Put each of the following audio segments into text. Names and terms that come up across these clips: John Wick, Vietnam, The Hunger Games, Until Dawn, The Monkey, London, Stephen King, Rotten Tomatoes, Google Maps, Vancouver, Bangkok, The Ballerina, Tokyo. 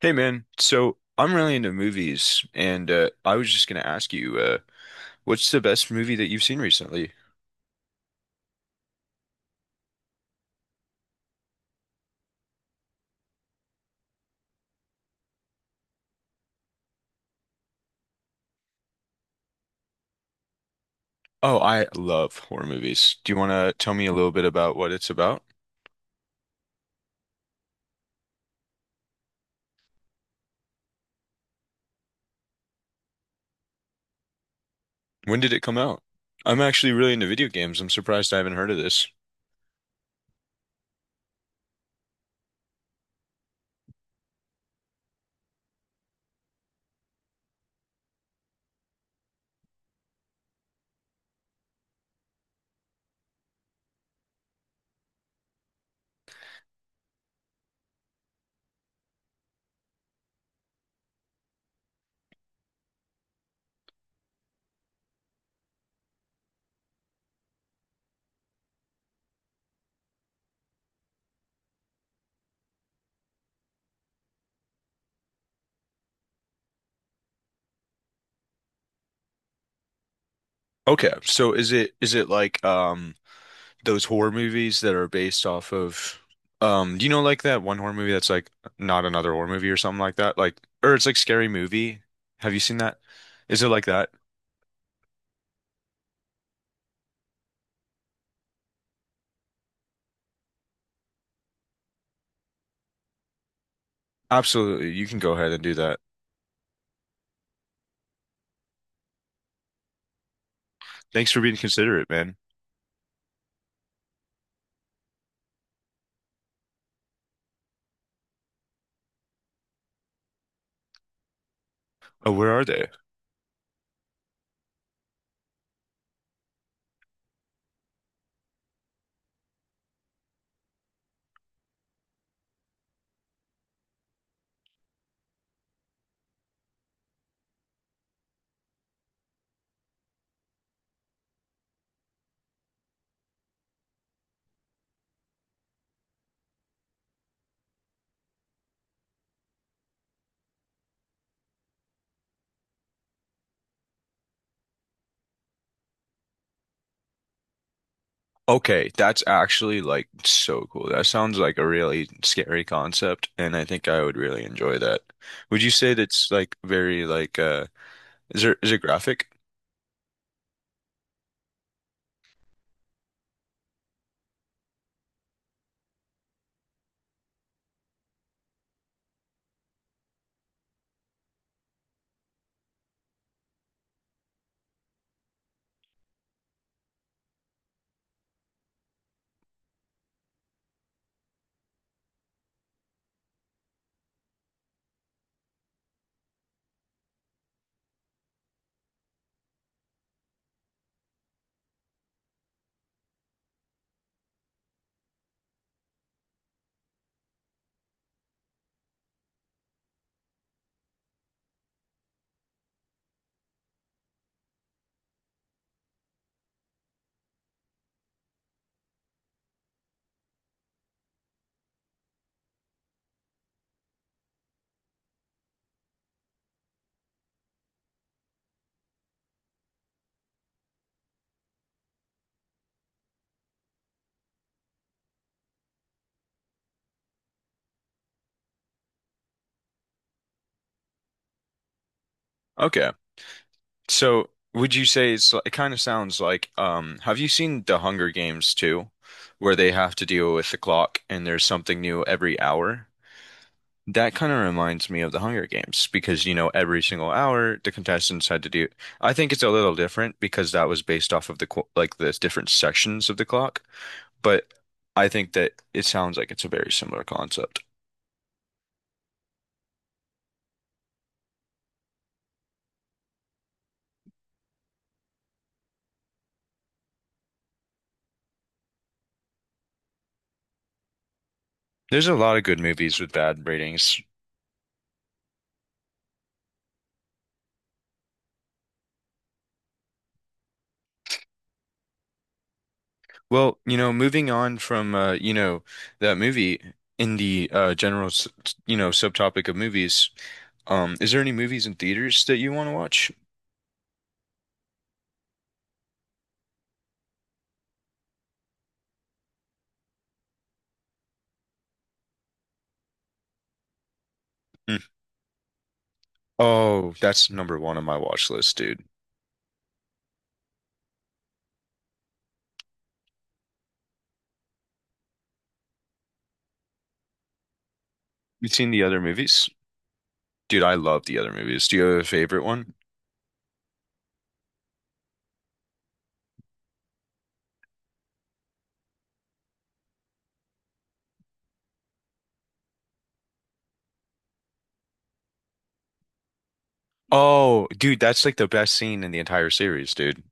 Hey man, so I'm really into movies, and I was just gonna ask you, what's the best movie that you've seen recently? Oh, I love horror movies. Do you wanna tell me a little bit about what it's about? When did it come out? I'm actually really into video games. I'm surprised I haven't heard of this. Okay, so is it like those horror movies that are based off of do you know like that one horror movie that's like not another horror movie or something like that? Like or it's like Scary Movie. Have you seen that? Is it like that? Absolutely. You can go ahead and do that. Thanks for being considerate, man. Oh, where are they? Okay, that's actually like so cool. That sounds like a really scary concept, and I think I would really enjoy that. Would you say that's like very like is it graphic? Okay. So, would you say it's like, it kind of sounds like have you seen The Hunger Games too, where they have to deal with the clock and there's something new every hour? That kind of reminds me of the Hunger Games because, you know, every single hour the contestants had to do. I think it's a little different because that was based off of the like the different sections of the clock, but I think that it sounds like it's a very similar concept. There's a lot of good movies with bad ratings. Well, you know, moving on from you know, that movie in the general, you know, subtopic of movies, is there any movies in theaters that you want to watch? Mm. Oh, that's number one on my watch list, dude. You've seen the other movies? Dude, I love the other movies. Do you have a favorite one? Oh, dude, that's like the best scene in the entire series, dude.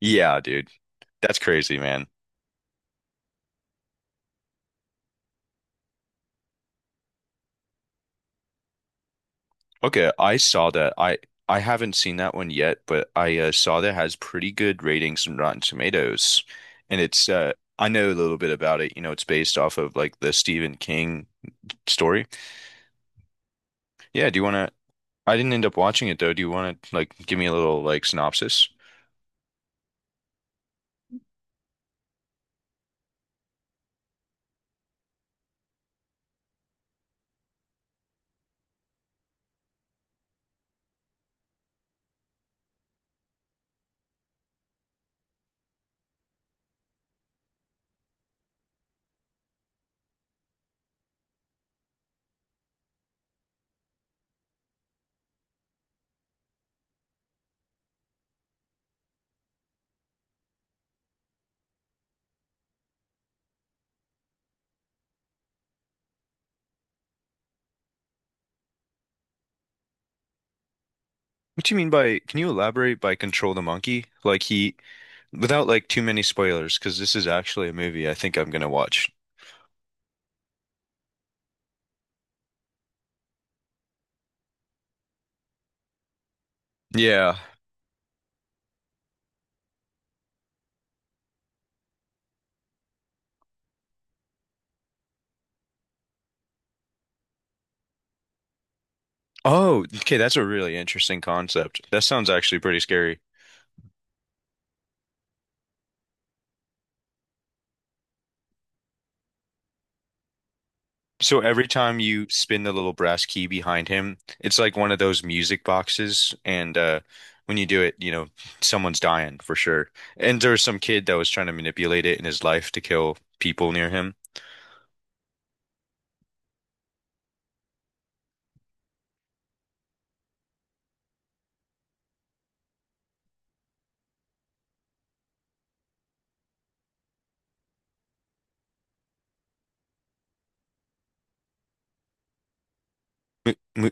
Yeah, dude. That's crazy, man. Okay, I saw that. I haven't seen that one yet, but I saw that has pretty good ratings on Rotten Tomatoes. And it's I know a little bit about it. You know, it's based off of like the Stephen King story. Yeah, do you want to I didn't end up watching it though. Do you want to like give me a little like synopsis? What do you mean by, can you elaborate by control the monkey? Like he, without like too many spoilers, because this is actually a movie I think I'm gonna watch. Yeah. Oh, okay, that's a really interesting concept. That sounds actually pretty scary. So every time you spin the little brass key behind him, it's like one of those music boxes, and when you do it, you know, someone's dying for sure. And there was some kid that was trying to manipulate it in his life to kill people near him. Mo mo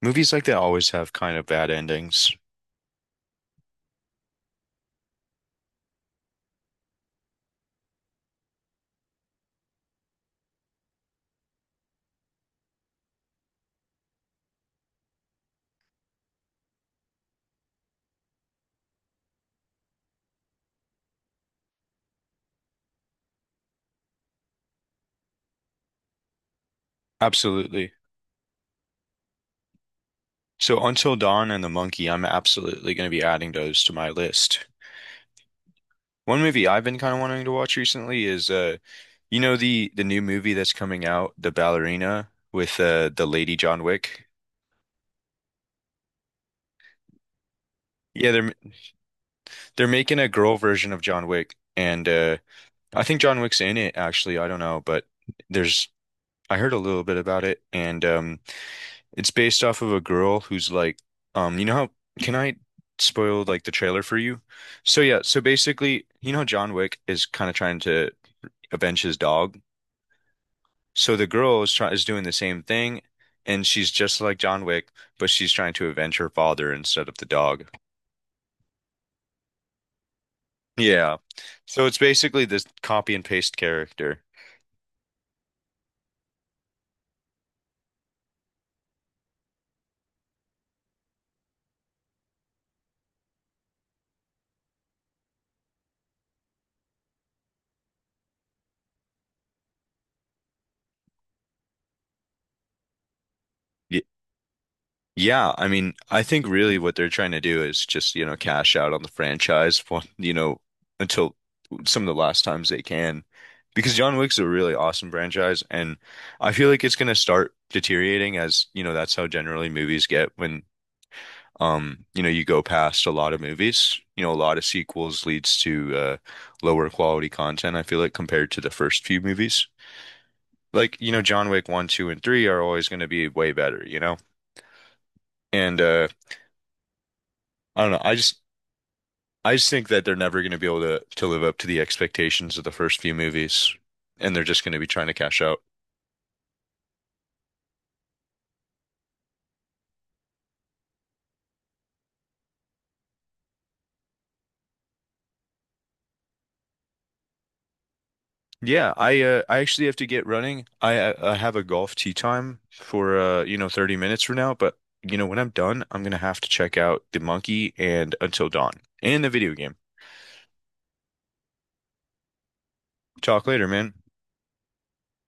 Movies like that always have kind of bad endings. Absolutely. So Until Dawn and The Monkey, I'm absolutely going to be adding those to my list. One movie I've been kind of wanting to watch recently is you know, the new movie that's coming out, The Ballerina with the lady John Wick. Yeah, they're making a girl version of John Wick, and I think John Wick's in it actually, I don't know, but there's I heard a little bit about it, and it's based off of a girl who's like, you know how, can I spoil like the trailer for you? So yeah, so basically, you know, how John Wick is kind of trying to avenge his dog. So the girl is doing the same thing, and she's just like John Wick, but she's trying to avenge her father instead of the dog. Yeah. So it's basically this copy and paste character. Yeah, I mean, I think really what they're trying to do is just, you know, cash out on the franchise for, you know, until some of the last times they can. Because John Wick's a really awesome franchise, and I feel like it's going to start deteriorating as, you know, that's how generally movies get when, you know, you go past a lot of movies. You know, a lot of sequels leads to lower quality content, I feel like, compared to the first few movies. Like, you know, John Wick 1, 2, and 3 are always going to be way better, you know? And I don't know. I just think that they're never going to be able to live up to the expectations of the first few movies, and they're just going to be trying to cash out. Yeah, I actually have to get running. I have a golf tee time for you know 30 minutes from now, but you know when I'm done, I'm gonna have to check out The Monkey and Until Dawn and the video game. Talk later, man.